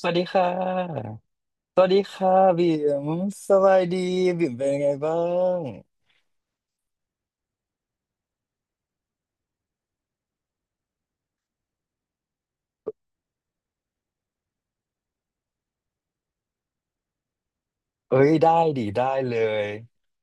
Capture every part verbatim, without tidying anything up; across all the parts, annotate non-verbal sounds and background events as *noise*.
สวัสดีค่ะ สวัสดีค่ะบิ่มสบายดีบิ่มเป็นยังไงบ้าง เอ้ยได้ดิได้เลย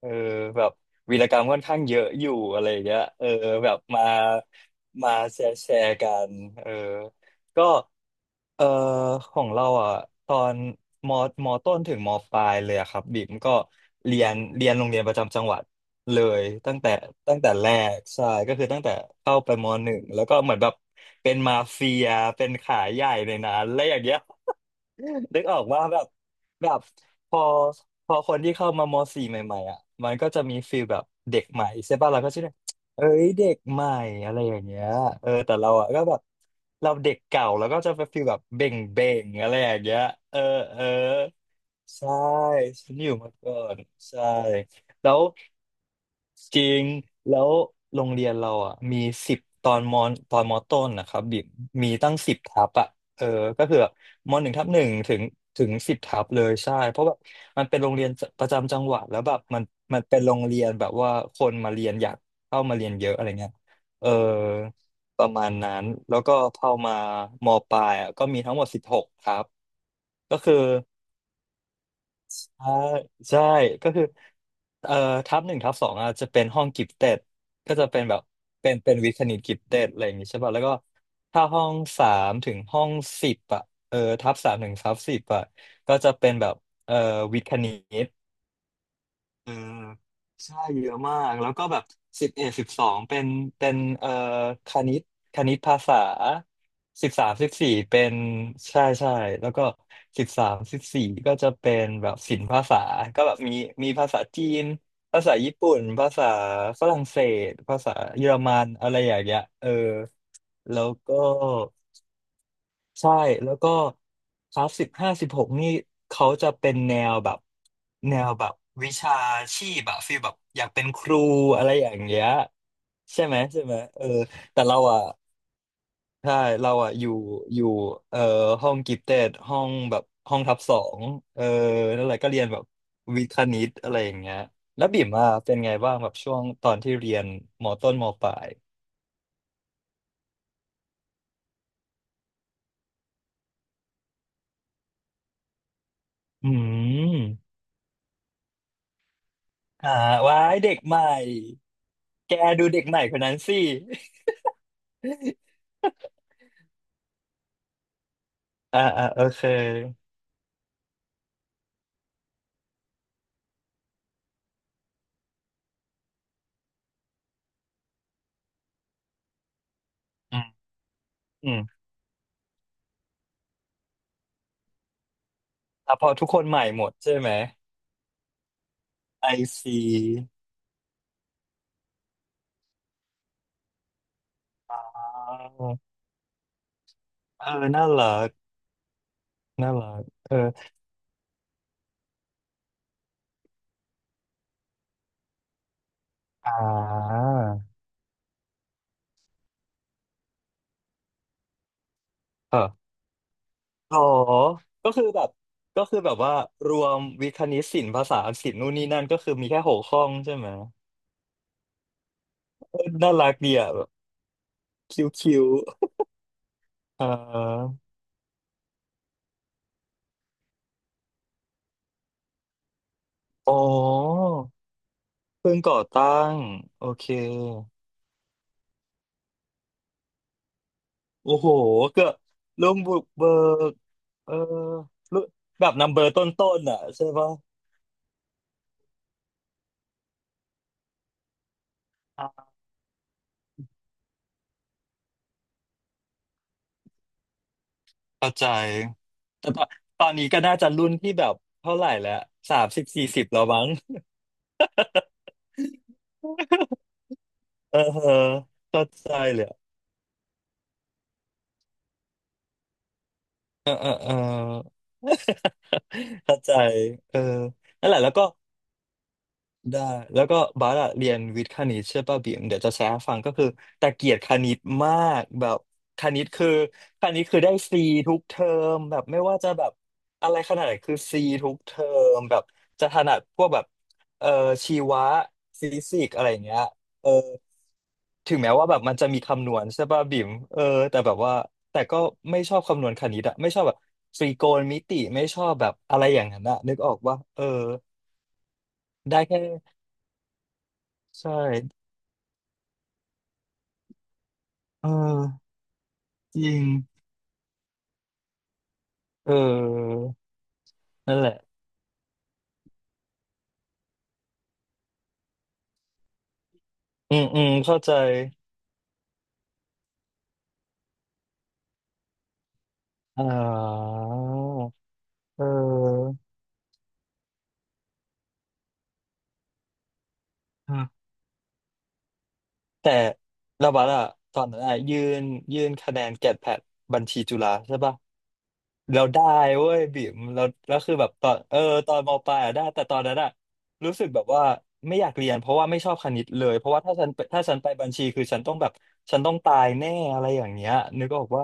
เออแบบวีรกรรมค่อนข้างเยอะอยู่อะไรอย่างเงี้ยเออแบบมามาแชร์แชร์กันเออก็เออของเราอ่ะตอนมมต้นถึงมปลายเลยอะครับบิ๊มก็เรียนเรียนโรงเรียนประจำจังหวัดเลยตั้งแต่ตั้งแต่แรกใช่ก็คือตั้งแต่เข้าไปมหนึ่งแล้วก็เหมือนแบบเป็นมาเฟียเป็นขายใหญ่ในนั้นอะไรอย่างเงี้ย *laughs* นึกออกว่าแบบแบบ พอพอคนที่เข้ามามสี่ใหม่ๆอ่ะมันก็จะมีฟีลแบบเด็กใหม่ใช่ป่ะเราก็ชื่อเอ้ยเด็กใหม่อะไรอย่างเงี้ยเออแต่เราอ่ะก็แบบเราเด็กเก่าแล้วก็จะไปฟีลแบบเบ่งเบ่งอะไรอย่างเงี้ยเออเออ ใช่ฉันอยู่มาก่อนใช่แล้วจริงแล้วโรงเรียนเราอ่ะมีสิบตอนมอนตอนมอต้นนะครับบิมมีตั้งสิบทับอ่ะเออก็คือแบบมหนึ่งทับหนึ่งถึงถึงสิบทับเลยใช่เพราะแบบมันเป็นโรงเรียนประจำจังหวัดแล้วแบบมันมันเป็นโรงเรียนแบบว่าคนมาเรียนอยากเข้ามาเรียนเยอะอะไรเงี้ยเออประมาณนั้นแล้วก็เข้ามามปลายอ่ะก็มีทั้งหมดสิบหกทับก็คือ อ่าใช่ก็คือเอ่อทับหนึ่งทับสองอ่ะจะเป็นห้องกิฟเต็ดก็จะเป็นแบบเป็นเป็นวิทย์คณิตกิฟเต็ดอะไรอย่างงี้ใช่ป่ะแล้วก็ถ้าห้องสามถึงห้องสิบอ่ะเออทับสามถึงทับสิบอ่ะก็จะเป็นแบบเอ่อวิทย์คณิต เออใช่เยอะมากแล้วก็แบบสิบเอ็ดสิบสองเป็นเป็นเอ่อคณิตคณิตภาษาสิบสามสิบสี่เป็นใช่ใช่แล้วก็สิบสามสิบสี่ก็จะเป็นแบบศิลปภาษาก็แบบมีมีภาษาจีนภาษาญี่ปุ่นภาษาฝรั่งเศสภาษาเยอรมันอะไรอย่างเงี้ยเออแล้วก็ ใช่แล้วก็คลาสสิบห้าสิบหกนี่เขาจะเป็นแนวแบบแนวแบบวิชาชีพแบบฟีลแบบอยากเป็นครูอะไรอย่างเงี้ยใช่ไหมใช่ไหมเออแต่เราอ่ะใช่เราอ่ะอยู่อยู่เอ่อห้องกิฟเต็ดห้องแบบห้องทับสองเออแล้วอะไรก็เรียนแบบวิทย์คณิตอะไรอย่างเงี้ยแล้วบิ่มอ่ะเป็นไงบ้างแบบช่วงตอนที่เรียนมต้นมปลายอืมอ่าว้ายเด็กใหม่ แกดูเด็กใหม่คนนั้นสิ *laughs* อ่าอ่าโอเคอืมอืมอ่ะพอทุกคนใหม่หมดใช่ไหมไอซีอ่าเออน่ารักน่ารักเอออ่าเออโอก็คือแบบก็คือแบบว่ารวมวิทย์คณิตศิลป์ภาษาอังกฤษนู่นนี่นั่นก็คือมีแค่หกห้องใช่ไหมเออน่ารักดีอ่ะแบบคิ้วคิวอ่าอ๋อเพิ่งก่อตั้งโอเค โอ้โหเกือบลุงบุกเบิกเออลุแบบนัมเบอร์ต้นๆอ่ะใช่ปะอ่าเข้าใจแต่ตอนตอนนี้ก็น่าจะรุ่นที่แบบเท่าไหร่แล้วสามสิบสี่สิบแล้วมั้งเออเออเข้าใจเลยอะเออเออเออ *laughs* เข้าใจเออนั่นแหละแล้วก็ ได้แล้วก็บาสอะเรียนวิทย์คณิตใช่ป่ะบิ่มเดี๋ยวจะแชร์ให้ฟังก็คือแต่เกลียดคณิตมากแบบคณิตคือคณิตคือได้ซีทุกเทอมแบบไม่ว่าจะแบบอะไรขนาดไหนคือซีทุกเทอมแบบจะถนัดพวกแบบเอ่อชีวะฟิสิกส์อะไรอย่างเงี้ยเออถึงแม้ว่าแบบมันจะมีคำนวณใช่ป่ะบิ่มเออแต่แบบว่าแต่ก็ไม่ชอบคำนวณคณิตอะไม่ชอบแบบตรีโกณมิติไม่ชอบแบบอะไรอย่างนั้นอะนึกออกว่าเออได้แค่ใช่ เออจริงเออนั่นแหละ อืมอืมเข้าใจอ่าเออ แต่ระบัดอะตอนนั้นอะยื่นยื่นคะแนนแกดแพดบัญชีจุฬาใช่ปะเราได้เว้ยบิ่มเราแล้วคือแบบตอนเออตอนมปลายอะได้แต่ตอนนั้นอะรู้สึกแบบว่าไม่อยากเรียนเพราะว่าไม่ชอบคณิตเลยเพราะว่าถ้าฉันถ้าฉันไปบัญชีคือฉันต้องแบบฉันต้องตายแน่อะไรอย่างเงี้ยนึกออกว่า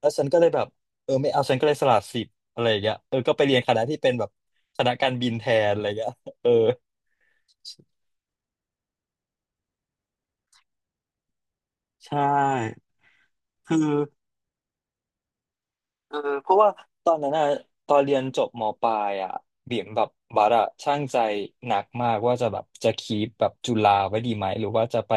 แล้วฉันก็เลยแบบเออไม่เอาฉันก็เลยสละสิทธิ์อะไรอย่างเงี้ยเออก็ไปเรียนคณะที่เป็นแบบคณะการบินแทนอะไรอย่างเงี้ยเออใช่คือ เออเพราะว่าตอนนั้นอะตอนเรียนจบมปลายอะบิ่มแบบบัสอะช่างใจหนักมากว่าจะแบบจะคีปแบบจุฬาไว้ดีไหมหรือว่าจะไป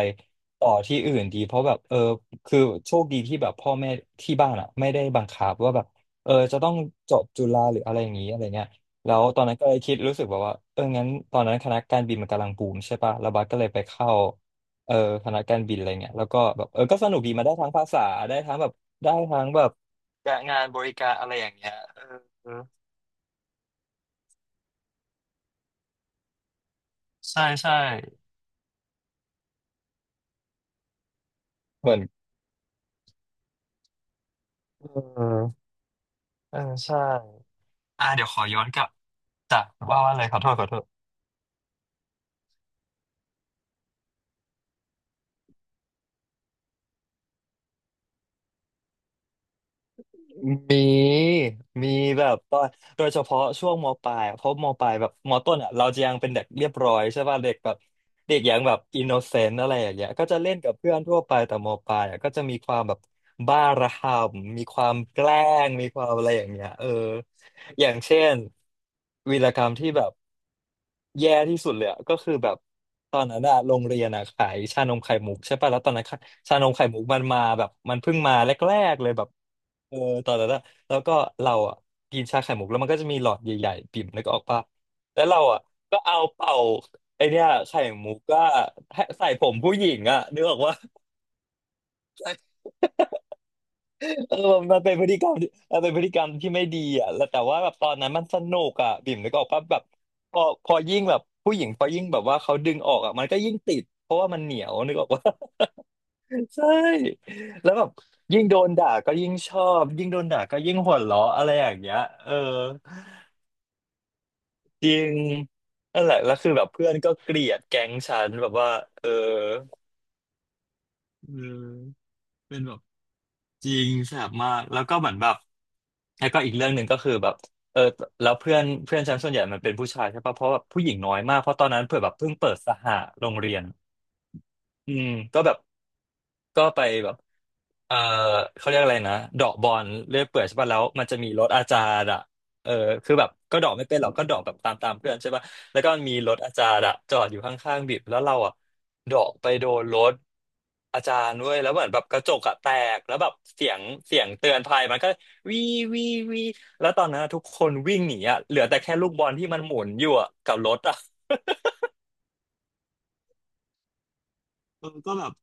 ต่อที่อื่นดีเพราะแบบเออคือโชคดีที่แบบพ่อแม่ที่บ้านอะไม่ได้บังคับว่าแบบเออจะต้องจบจุฬาหรืออะไรอย่างนี้อะไรเงี้ยแล้วตอนนั้นก็เลยคิดรู้สึกแบบว่าเอองั้นตอนนั้นคณะการบินมันกำลังบูมใช่ปะแล้วบัสก็เลยไปเข้าเออคณะการบินอะไรเงี้ยแล้วก็แบบเออก็สนุกดีมาได้ทั้งภาษาได้ทั้งแบบได้ทั้งแบบ จะงานบริการอะไรอย่างเงี้ยเออใช่ใช่ เหมือนเออเออใช่ อ่าเดี๋ยวขอย้อนกลับจากว่าว่าอะไรขอโทษขอโทษ มีมีแบบตอนโดยเฉพาะช่วงมปลายอะเพราะมปลายแบบมต้นอ่ะเราจะยังเป็นเด็กเรียบร้อยใช่ป่ะเด็กแบบเด็กยังแบบอินโนเซนต์อะไรอย่างเงี้ยก็จะเล่นกับเพื่อนทั่วไปแต่มปลายอ่ะก็จะมีความแบบบ้าระห่ำมีความแกล้งมีความอะไรอย่างเงี้ยเอออย่างเช่นวีรกรรมที่แบบแย่ที่สุดเลยอะก็คือแบบตอนนั้นอะโรงเรียนอะขายชานมไข่มุกใช่ป่ะแล้วตอนนั้นค่ะชานมไข่มุกมันมาแบบมันเพิ่งมาแรกๆเลยแบบ เออตอนนั้นอะแล้วก็เราอะกินชาไข่มุกแล้วมันก็จะมีหลอดใหญ่ๆปิ่มแล้วก็ออกปะแล้วเราอะก็เอาเป่าไอเนี้ยไข่มุกก็ใส่ผมผู้หญิงอะนึกออกว่าเออมันเป็นพฤติกรรมที่มันเป็นพฤติกรรมที่ไม่ดีอะแล้วแต่ว่าแบบตอนนั้นมันสนุกอะบิ่มนึกออกปะแบบพอพอยิ่งแบบผู้หญิงพอยิ่งแบบว่าเขาดึงออกอะมันก็ยิ่งติดเพราะว่ามันเหนียวนึกออกว่า *laughs* ใช่แล้วแบบยิ่งโดนด่าก็ยิ่งชอบยิ่งโดนด่าก็ยิ่งหัวเราะอะไรอย่างเงี้ยเออ จริงนั่นแหละแล้วคือแบบเพื่อนก็เกลียดแก๊งฉันแบบว่าเออเออเป็นแบบจริงแสบมากแล้วก็เหมือนแบบแล้วก็อีกเรื่องหนึ่งก็คือแบบเออแล้วเพื่อนเพื่อนฉันส่วนใหญ่มันเป็นผู้ชายใช่ปะเพราะแบบผู้หญิงน้อยมากเพราะตอนนั้นเผื่อแบบเพิ่งเปิดสหโรงเรียนอืมก็แบบก็ไปแบบ เออเขาเรียกอะไรนะเดาะบอลเลื่อยเปื่อยใช่ป่ะแล้วมันจะมีรถอาจารย์อ่ะเออคือแบบก็เดาะไม่เป็นหรอกก็เดาะแบบตามตามเพื่อนใช่ป่ะแล้วก็มีรถอาจารย์อ่ะจอดอยู่ข้างๆบิบแล้วเราอ่ะเดาะไปโดนรถอาจารย์ด้วยแล้วเหมือนแบบกระจกอะแตกแล้วแบบเสียงเสียงเตือนภัยมันก็วีวีวีแล้วตอนนั้นอะทุกคนวิ่งหนีอ่ะเหลือแต่แค่ลูกบอลที่มันหมุนอยู่อะกับรถอ่ะเออก็แบบ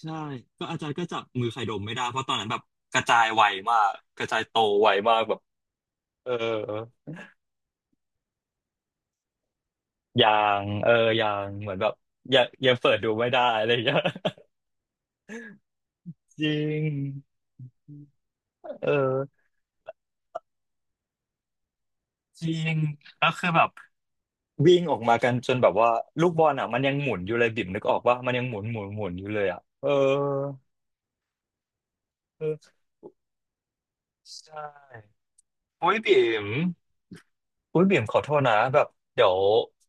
ใช่ก็อาจารย์ก็จับมือใครดมไม่ได้เพราะตอนนั้นแบบกระจายไวมากกระจายโตไวมากแบบเออยางเออยางเหมือนแบบยังยังเปิดดูไม่ได้อะไรอย่างเงี้ย *laughs* จริงเออจริงแล้วคือแบบวิ่งออกมากันจนแบบว่าลูกบอลอ่ะมันยังหมุนอยู่เลยบิ่มนึกออกว่ามันยังหมุนหมุนหมุนอยู่เลยอ่ะเออเออใช่โอ้ยบิ่มอุ้ยบิ่มขอโทษนะแบบเดี๋ยว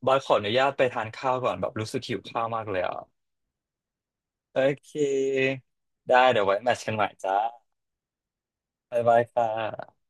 บอยขออนุญาตไปทานข้าวก่อนแบบรู้สึกหิวข้าวมากเลยอ่ะ โอเค ได้เดี๋ยวไว้แมทช์กันใหม่จ้าบ๊ายบายค่ะ